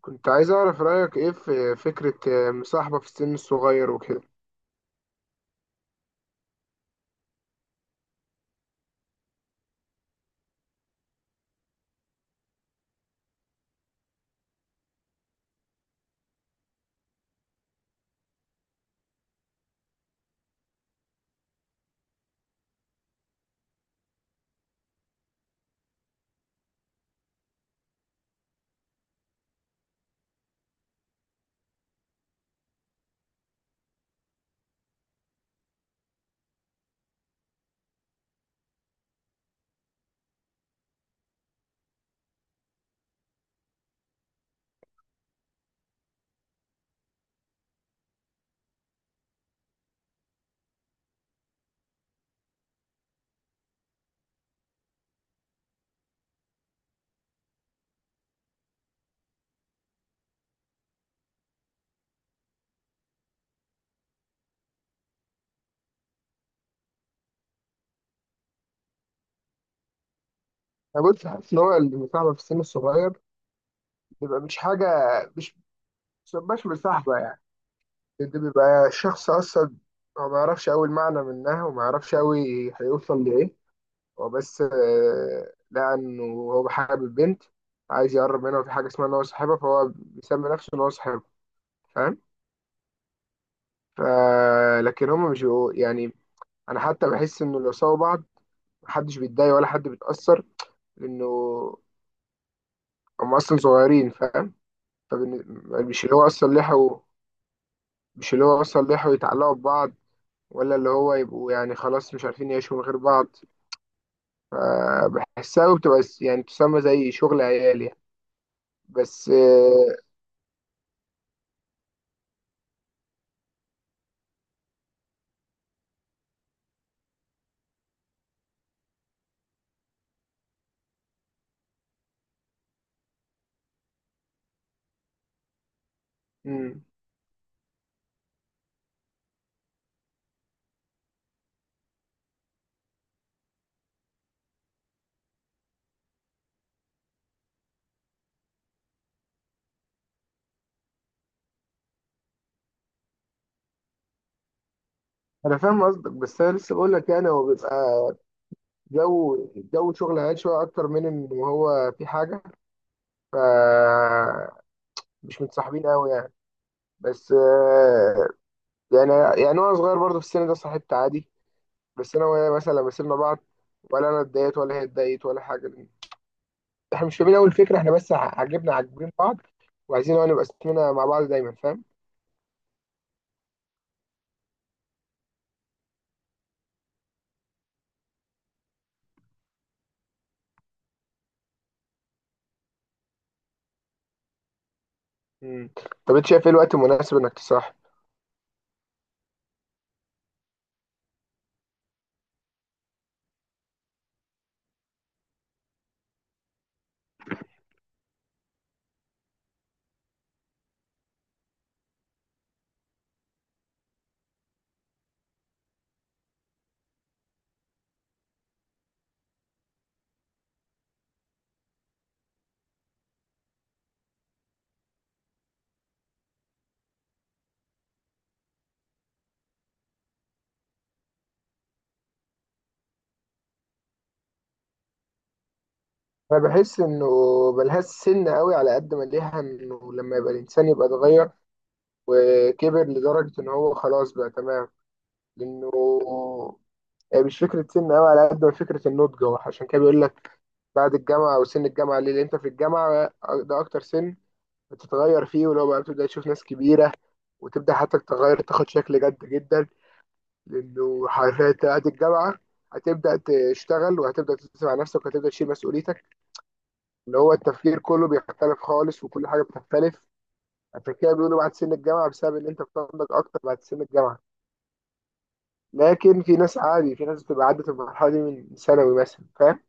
كنت عايز أعرف رأيك إيه في فكرة مصاحبة في السن الصغير وكده. أنا بص حاسس إن هو المصاحبة في السن الصغير بيبقى مش حاجة، مش مش مصاحبة، يعني ده بيبقى الشخص أصلا. هو ما يعرفش أوي المعنى منها وما يعرفش أوي هيوصل لإيه. هو بس لقى إنه هو حابب بنت، عايز يقرب منها، وفي حاجة اسمها إن هو صاحبها، فهو بيسمي نفسه إن هو صاحبها، فاهم؟ لكن هما مش يعني، أنا حتى بحس إنه لو سووا بعض محدش بيتضايق ولا حد بيتأثر، لأنه هم أصلا صغيرين، فاهم؟ فبن- مش اللي هو أصلا لحقوا مش اللي هو أصلا لحقوا يتعلقوا ببعض، ولا اللي هو يبقوا يعني خلاص مش عارفين يعيشوا من غير بعض. فبحسها وبتبقى يعني تسمى زي شغل عيال، يعني بس. مم. أنا فاهم قصدك، بس أنا لسه بقول لك يعني هو بيبقى جو جو شغل عيال شوية أكتر من إن هو في حاجة، فمش متصاحبين أوي يعني. بس يعني يعني وانا صغير برضه في السن ده صاحبت عادي. بس انا وهي مثلا لما سيبنا بعض ولا انا اتضايقت ولا هي اتضايقت ولا حاجه، لأن احنا مش فاهمين اول فكره، احنا بس ع- عجبنا عاجبين بعض، وعايزين هو نبقى اسمنا مع بعض دايما، فاهم؟ مم. طب انت شايف ايه الوقت المناسب انك تصاحب؟ انا بحس انه ملهاش سن قوي، على قد ما ليها انه لما يبقى الانسان يبقى اتغير وكبر لدرجه ان هو خلاص بقى تمام. لانه هي مش فكره سن قوي على قد ما فكره النضج، هو عشان كده بيقول لك بعد الجامعة أو سن الجامعة. ليه؟ لأن أنت في الجامعة، ده أكتر سن بتتغير فيه، واللي هو بقى بتبدأ تشوف ناس كبيرة، وتبدأ حتى تتغير، تاخد شكل جد جدا. لأنه حرفيا بعد الجامعة هتبدأ تشتغل، وهتبدأ تدرس مع نفسك، وهتبدأ تشيل مسؤوليتك، اللي هو التفكير كله بيختلف خالص وكل حاجة بتختلف. عشان كده بيقولوا بعد سن الجامعة، بسبب إن أنت بتنضج أكتر بعد سن الجامعة. لكن في ناس عادي في ناس بتبقى عدت المرحلة دي من ثانوي مثلا، فاهم؟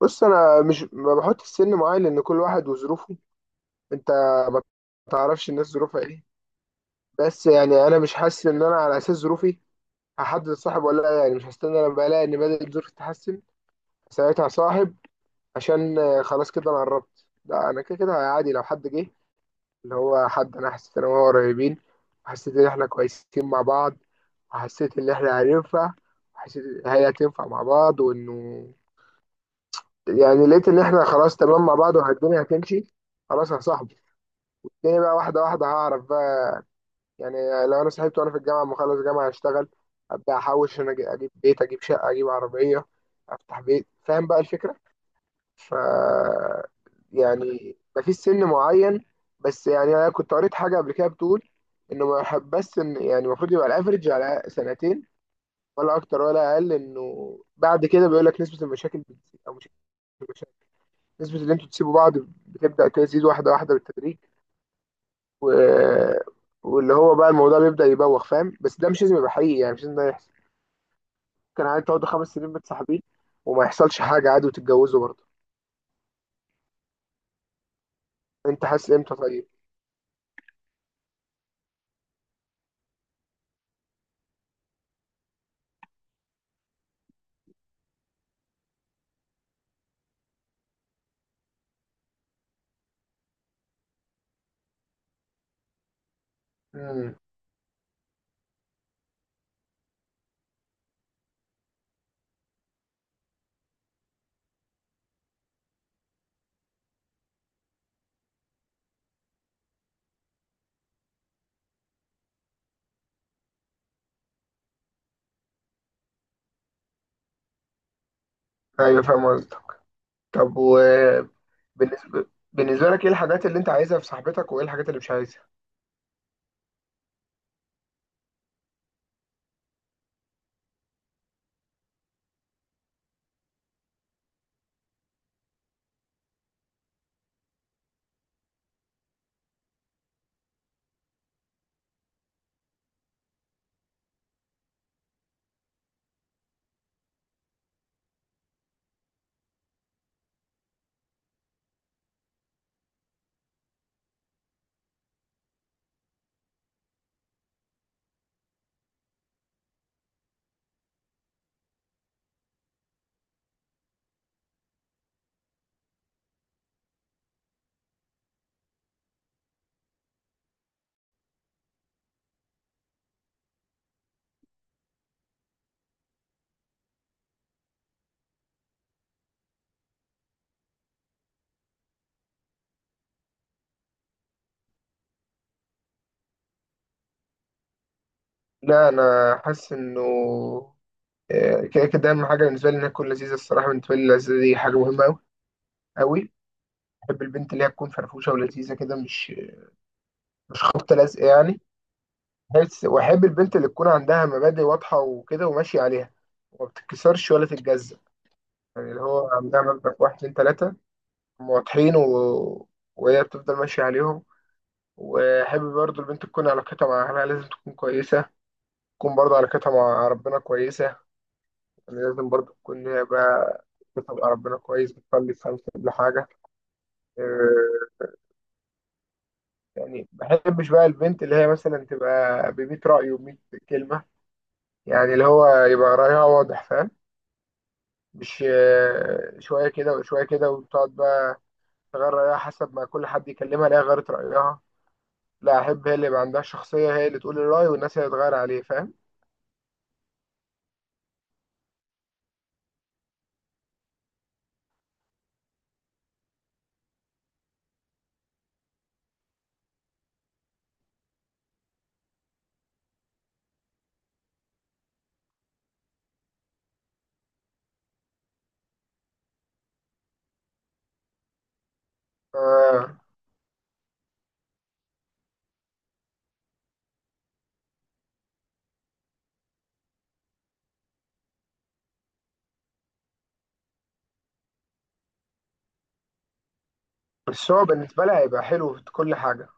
بص أنا مش ما بحط السن معين، لأن كل واحد وظروفه، انت ما تعرفش الناس ظروفها ايه. بس يعني انا مش حاسس ان انا على اساس ظروفي هحدد الصاحب ولا لا، يعني مش هستنى لما الاقي ان بدات ظروفي تتحسن ساعتها صاحب، عشان خلاص كده انا قربت. لا انا كده كده عادي، لو حد جه اللي هو حد انا حسيت ان هو قريبين، وحسيت ان احنا كويسين مع بعض، وحسيت ان احنا هننفع، وحسيت ان هي هتنفع مع بعض، وانه يعني لقيت ان احنا خلاص تمام مع بعض والدنيا هتمشي، خلاص يا صاحبي، الدنيا بقى واحدة واحدة، هعرف بقى. يعني لو انا سحبت وانا في الجامعه اما اخلص جامعه اشتغل ابدا احوش عشان اجيب بيت، اجيب شقه، اجيب عربيه، افتح بيت، فاهم بقى الفكره؟ ف يعني مفيش سن معين. بس يعني انا كنت قريت حاجه قبل كده بتقول انه ما يحب بس ان يعني المفروض يبقى الافرج على سنتين، ولا اكتر ولا اقل، انه بعد كده بيقول لك نسبه المشاكل بتزيد، او مش المشاكل نسبه اللي انتوا تسيبوا بعض بتبدا تزيد واحده واحده بالتدريج، و... واللي هو بقى الموضوع بيبدأ يبوخ، فاهم؟ بس ده مش لازم يبقى حقيقي، يعني مش لازم ده يحصل. ممكن عادي تقعدوا 5 سنين متصاحبين وما يحصلش حاجة عادي وتتجوزوا برضه. انت حاسس امتى طيب؟ امم ايوه فاهم قصدك. طب بالنسبة لك ايه الحاجات اللي انت عايزها في صاحبتك وايه الحاجات اللي مش عايزها؟ لا انا حاسس انه كده كده اهم حاجة بالنسبة لي انها تكون لذيذة. الصراحة بالنسبة لي اللذيذة دي حاجة مهمة قوي قوي. بحب البنت اللي هي تكون فرفوشة ولذيذة كده، مش خبطة لازقة يعني. بس واحب البنت اللي تكون عندها مبادئ واضحه وكده وماشيه عليها، وما بتتكسرش ولا تتجزأ، يعني اللي هو عندها مبدأ واحد اتنين تلاته، هم واضحين، وهي بتفضل ماشيه عليهم. واحب برضو البنت تكون علاقتها مع اهلها لازم تكون كويسه، تكون برضو علاقتها مع ربنا كويسه. يعني لازم برضو تكون هي بقى علاقتها مع ربنا كويس، بتصلي 5 قبل حاجة. آه، يعني ما بحبش بقى البنت اللي هي مثلا تبقى بميت رأي وميت كلمة، يعني اللي هو يبقى رأيها واضح، فاهم؟ مش شوية كده وشوية كده، وتقعد بقى تغير رأيها حسب ما كل حد يكلمها، لا غيرت رأيها. لا، أحب هي اللي يبقى عندها شخصية، هي اللي تقول الرأي والناس هي اللي تغير عليه، فاهم؟ آه، بس هو بالنسبة لها هيبقى حلو في كل حاجة.